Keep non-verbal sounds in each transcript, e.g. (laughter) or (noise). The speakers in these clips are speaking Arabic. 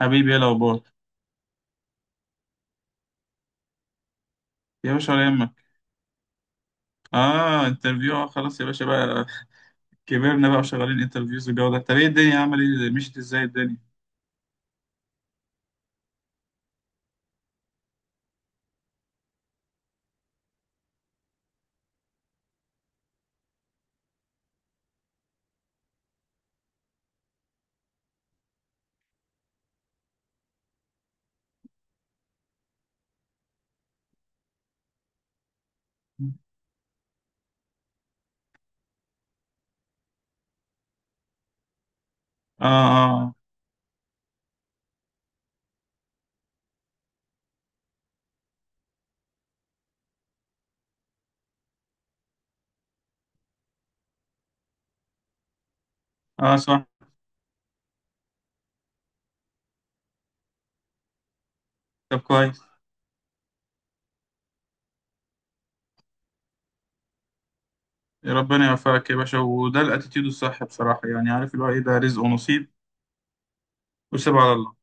حبيبي ايه الاخبار؟ يا باشا ولا يهمك. اه انترفيو، خلاص يا باشا بقى. كبرنا بقى وشغالين انترفيوز والجو ده. طب ايه الدنيا؟ عمل ايه؟ مشيت ازاي الدنيا؟ اه اه اه صح. طب كويس. ربنا يوفقك يا باشا، وده الاتيتيود الصح بصراحه، يعني عارف اللي هو ايه، ده رزق ونصيب، وسيبها على الله.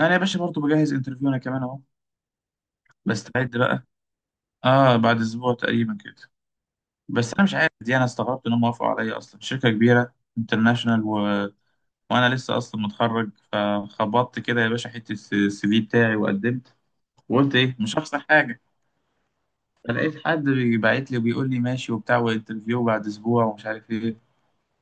انا يا باشا برضه بجهز انترفيو، انا كمان اهو، بستعد بقى. اه بعد اسبوع تقريبا كده. بس انا مش عارف، دي انا استغربت انهم وافقوا عليا اصلا، شركه كبيره انترناشونال وانا لسه اصلا متخرج، فخبطت كده يا باشا حته السي في بتاعي وقدمت، وقلت ايه مش هخسر حاجه. فلقيت حد بيبعت لي وبيقول لي ماشي وبتاع، وانترفيو بعد اسبوع ومش عارف ايه.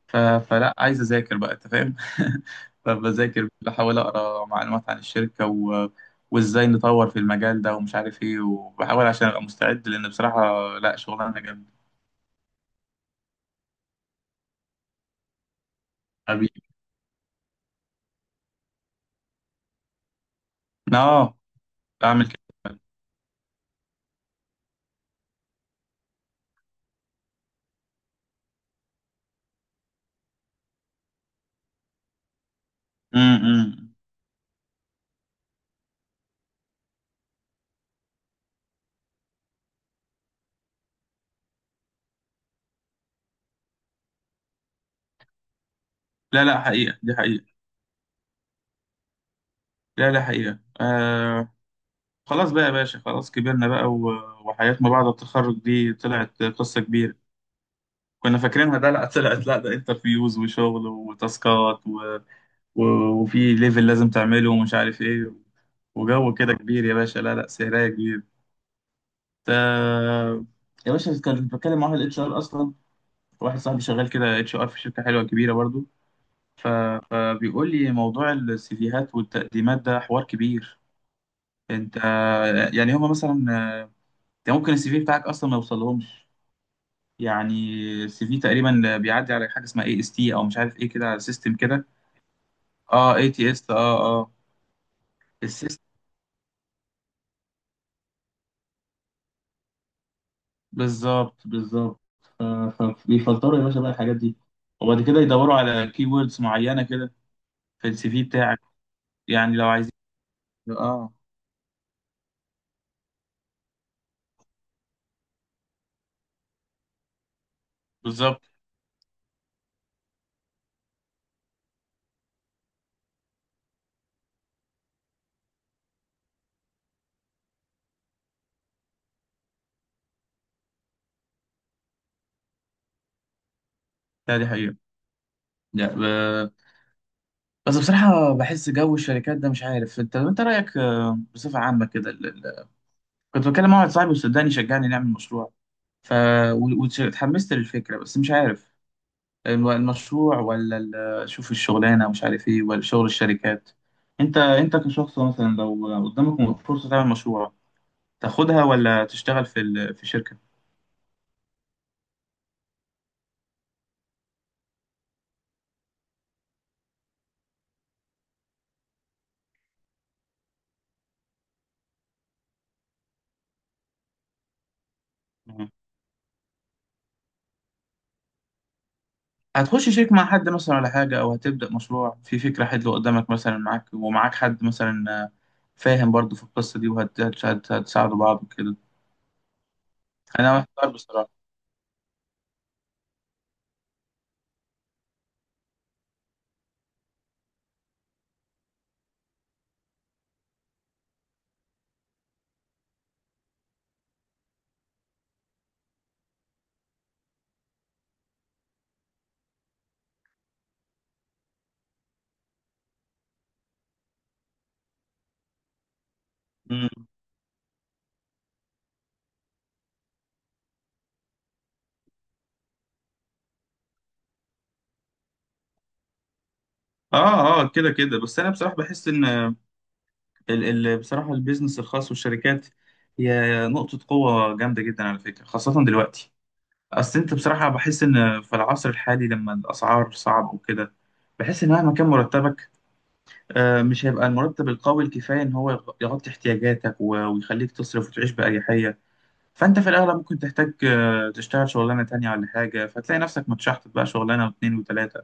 فلا عايز اذاكر بقى، انت فاهم. (laughs) فبذاكر، بحاول اقرا معلومات عن الشركه، وازاي نطور في المجال ده ومش عارف ايه، وبحاول عشان ابقى مستعد، لان بصراحه لا، شغلانه جامده. حبيبي، اه اعمل كده. م- م. لا لا، حقيقه، دي حقيقه. لا لا، حقيقه، خلاص بقى يا باشا، خلاص كبرنا بقى، وحياة ما بعد التخرج دي طلعت قصة كبيرة. كنا فاكرينها، ده لا طلعت، لا ده انترفيوز وشغل وتاسكات و... وفي ليفل لازم تعمله ومش عارف ايه، وجو كده كبير يا باشا، لا لا سهرية كبير. تا... يا باشا كنت بتكلم مع واحد اتش ار اصلا، واحد صاحبي شغال كده اتش ار في شركة حلوة كبيرة برضو. ف... فبيقول لي موضوع السيفيهات والتقديمات ده حوار كبير. انت يعني هما مثلا، انت ممكن السي في بتاعك اصلا ما يوصلهمش. يعني السي في تقريبا بيعدي على حاجه اسمها اي اس تي او مش عارف ايه كده، سيستم كده. اه اي تي اس، السيستم. بالظبط بالظبط. بيفلتروا يا باشا بقى الحاجات دي، وبعد كده يدوروا على كي ووردز معينه كده في السي في بتاعك. يعني لو عايزين. اه بالظبط. لا دي حقيقه لا ب... بس بصراحه بحس جو الشركات ده، مش عارف انت، انت رايك بصفه عامه كده كنت بكلم مع واحد صاحبي وصدقني شجعني نعمل مشروع، ف واتحمست للفكره، بس مش عارف المشروع ولا شوف الشغلانة، مش عارف ايه ولا شغل الشركات. انت انت كشخص، مثلا لو قدامك فرصة تعمل مشروع، تاخدها ولا تشتغل في شركة؟ مم. هتخش شريك مع حد مثلا ولا حاجة، أو هتبدأ مشروع في فكرة حلوة قدامك مثلا، معاك ومعاك حد مثلا فاهم برضو في القصة دي وهتساعدوا بعض وكده. أنا محتار بصراحة. مم. كده كده، بس أنا بصراحة بحس إن بصراحة البيزنس الخاص والشركات هي نقطة قوة جامدة جدا على فكرة، خاصة دلوقتي. أصل أنت بصراحة بحس إن في العصر الحالي، لما الأسعار صعب وكده، بحس إن مهما كان مرتبك، مش هيبقى المرتب القوي الكفاية إن هو يغطي احتياجاتك ويخليك تصرف وتعيش بأريحية. فأنت في الأغلب ممكن تحتاج تشتغل شغلانة تانية ولا حاجة، فتلاقي نفسك متشحطط بقى شغلانة واتنين وتلاتة.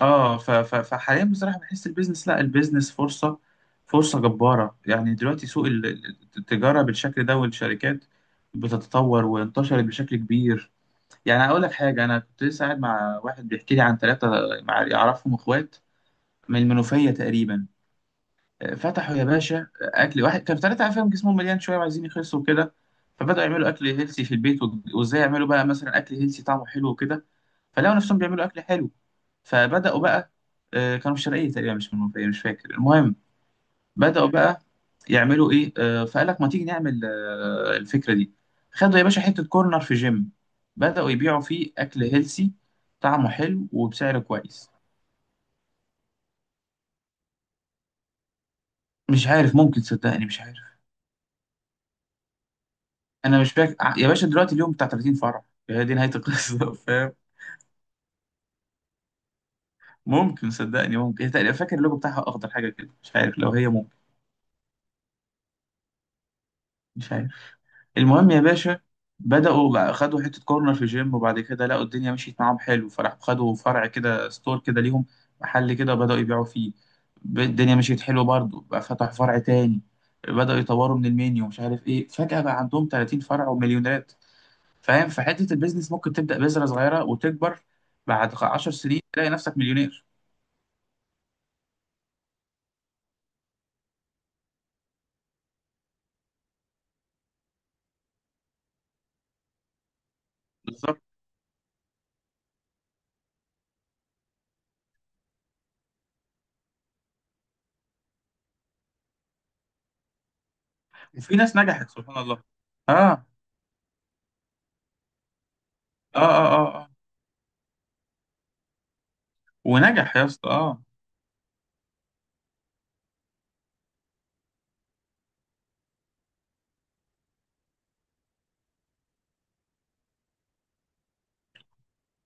فحاليا بصراحه بحس البيزنس، لا البيزنس فرصه، فرصه جباره. يعني دلوقتي سوق التجاره بالشكل ده والشركات بتتطور وانتشرت بشكل كبير. يعني اقول لك حاجه، انا كنت لسه قاعد مع واحد بيحكي لي عن ثلاثه، مع يعرفهم اخوات من المنوفيه تقريبا. فتحوا يا باشا اكل. واحد كانوا ثلاثه عارفين جسمهم مليان شويه وعايزين يخسوا وكده، فبداوا يعملوا اكل هيلسي في البيت، وازاي يعملوا بقى مثلا اكل هيلسي طعمه حلو وكده. فلقوا نفسهم بيعملوا اكل حلو. فبدأوا بقى، كانوا في الشرقية تقريبا، مش من المنوفية، مش فاكر، المهم. بدأوا بقى يعملوا إيه، فقال لك ما تيجي نعمل الفكرة دي. خدوا يا باشا حتة كورنر في جيم، بدأوا يبيعوا فيه أكل هيلسي طعمه حلو وبسعر كويس. مش عارف، ممكن، صدقني مش عارف. أنا مش فاكر يا باشا دلوقتي اليوم بتاع 30 فرع. هي دي نهاية القصة. (laughs) فاهم. ممكن، صدقني ممكن. هي تقريبا فاكر اللوجو بتاعها أخضر حاجة كده، مش عارف، لو هي، ممكن، مش عارف، المهم يا باشا. بدأوا بقى خدوا حتة كورنر في الجيم، وبعد كده لقوا الدنيا مشيت معاهم حلو، فراحوا خدوا فرع كده، ستور كده ليهم، محل كده، وبدأوا يبيعوا فيه. الدنيا مشيت حلو برضه بقى، فتحوا فرع تاني، بدأوا يطوروا من المنيو، مش عارف ايه، فجأة بقى عندهم 30 فرع ومليونيرات. فاهم؟ فحتة البيزنس ممكن تبدأ بذرة صغيرة وتكبر، بعد 10 سنين تلاقي نفسك مليونير. بالظبط. وفي ناس نجحت سبحان الله. اه اه اه اه, آه. ونجح يا اسطى،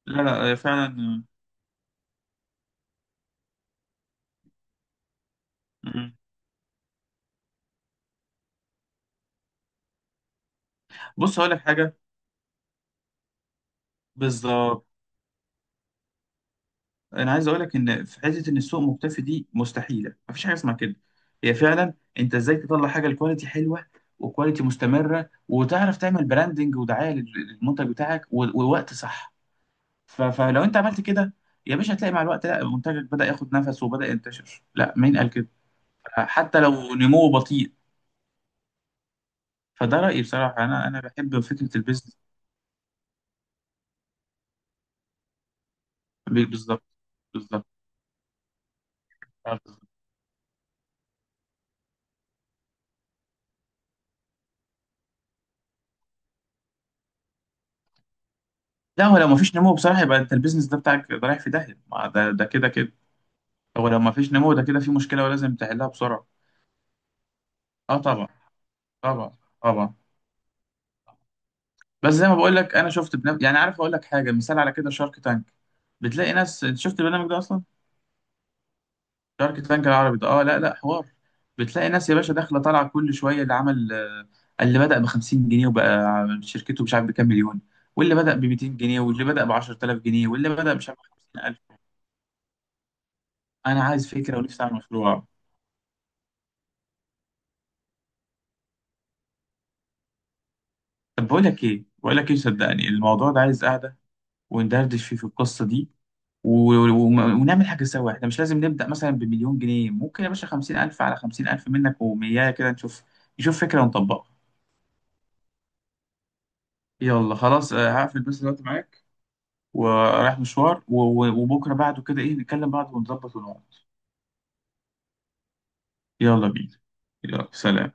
لا لا فعلا. آه. بص هقول لك حاجه. بالظبط. انا عايز اقول لك ان في حته ان السوق مختفي دي مستحيله، مفيش حاجه اسمها كده. هي فعلا انت ازاي تطلع حاجه الكواليتي حلوه، وكواليتي مستمره، وتعرف تعمل براندنج ودعايه للمنتج بتاعك، ووقت صح. فلو انت عملت كده يا باشا، هتلاقي مع الوقت، لا منتجك بدا ياخد نفس وبدا ينتشر، لا مين قال كده، حتى لو نموه بطيء. فده رايي بصراحه، انا بحب فكره البيزنس. بالظبط بالظبط. لا هو لو مفيش نمو بصراحة، يبقى انت البيزنس ده بتاعك ده رايح في داهية، ما ده ده كده كده، هو لو مفيش نمو ده كده في مشكلة ولازم تحلها بسرعة. اه طبعا طبعا طبعا. بس زي ما بقول لك، انا شفت يعني عارف اقول لك حاجة، مثال على كده، شارك تانك. بتلاقي ناس، انت شفت البرنامج ده اصلا؟ شارك تانك العربي ده، لا لا حوار. بتلاقي ناس يا باشا داخلة طالعة كل شوية، اللي عمل اللي بدأ ب 50 جنيه وبقى شركته مش عارف بكام مليون، واللي بدأ ب 200 جنيه، واللي بدأ ب 10000 جنيه، واللي بدأ مش عارف ب 50000. انا عايز فكرة ونفسي اعمل مشروع. طب بقول لك ايه، بقول لك ايه، صدقني الموضوع ده عايز قعده وندردش فيه في القصه دي و... و... ونعمل حاجه سوا. احنا مش لازم نبدا مثلا بمليون جنيه، ممكن يا باشا 50000 على 50000 منك ومياه كده، نشوف، نشوف فكره ونطبقها. يلا خلاص، هقفل بس دلوقتي معاك ورايح مشوار، وبكره بعده كده ايه نتكلم بعض ونظبط ونقعد. يلا بينا. يلا سلام.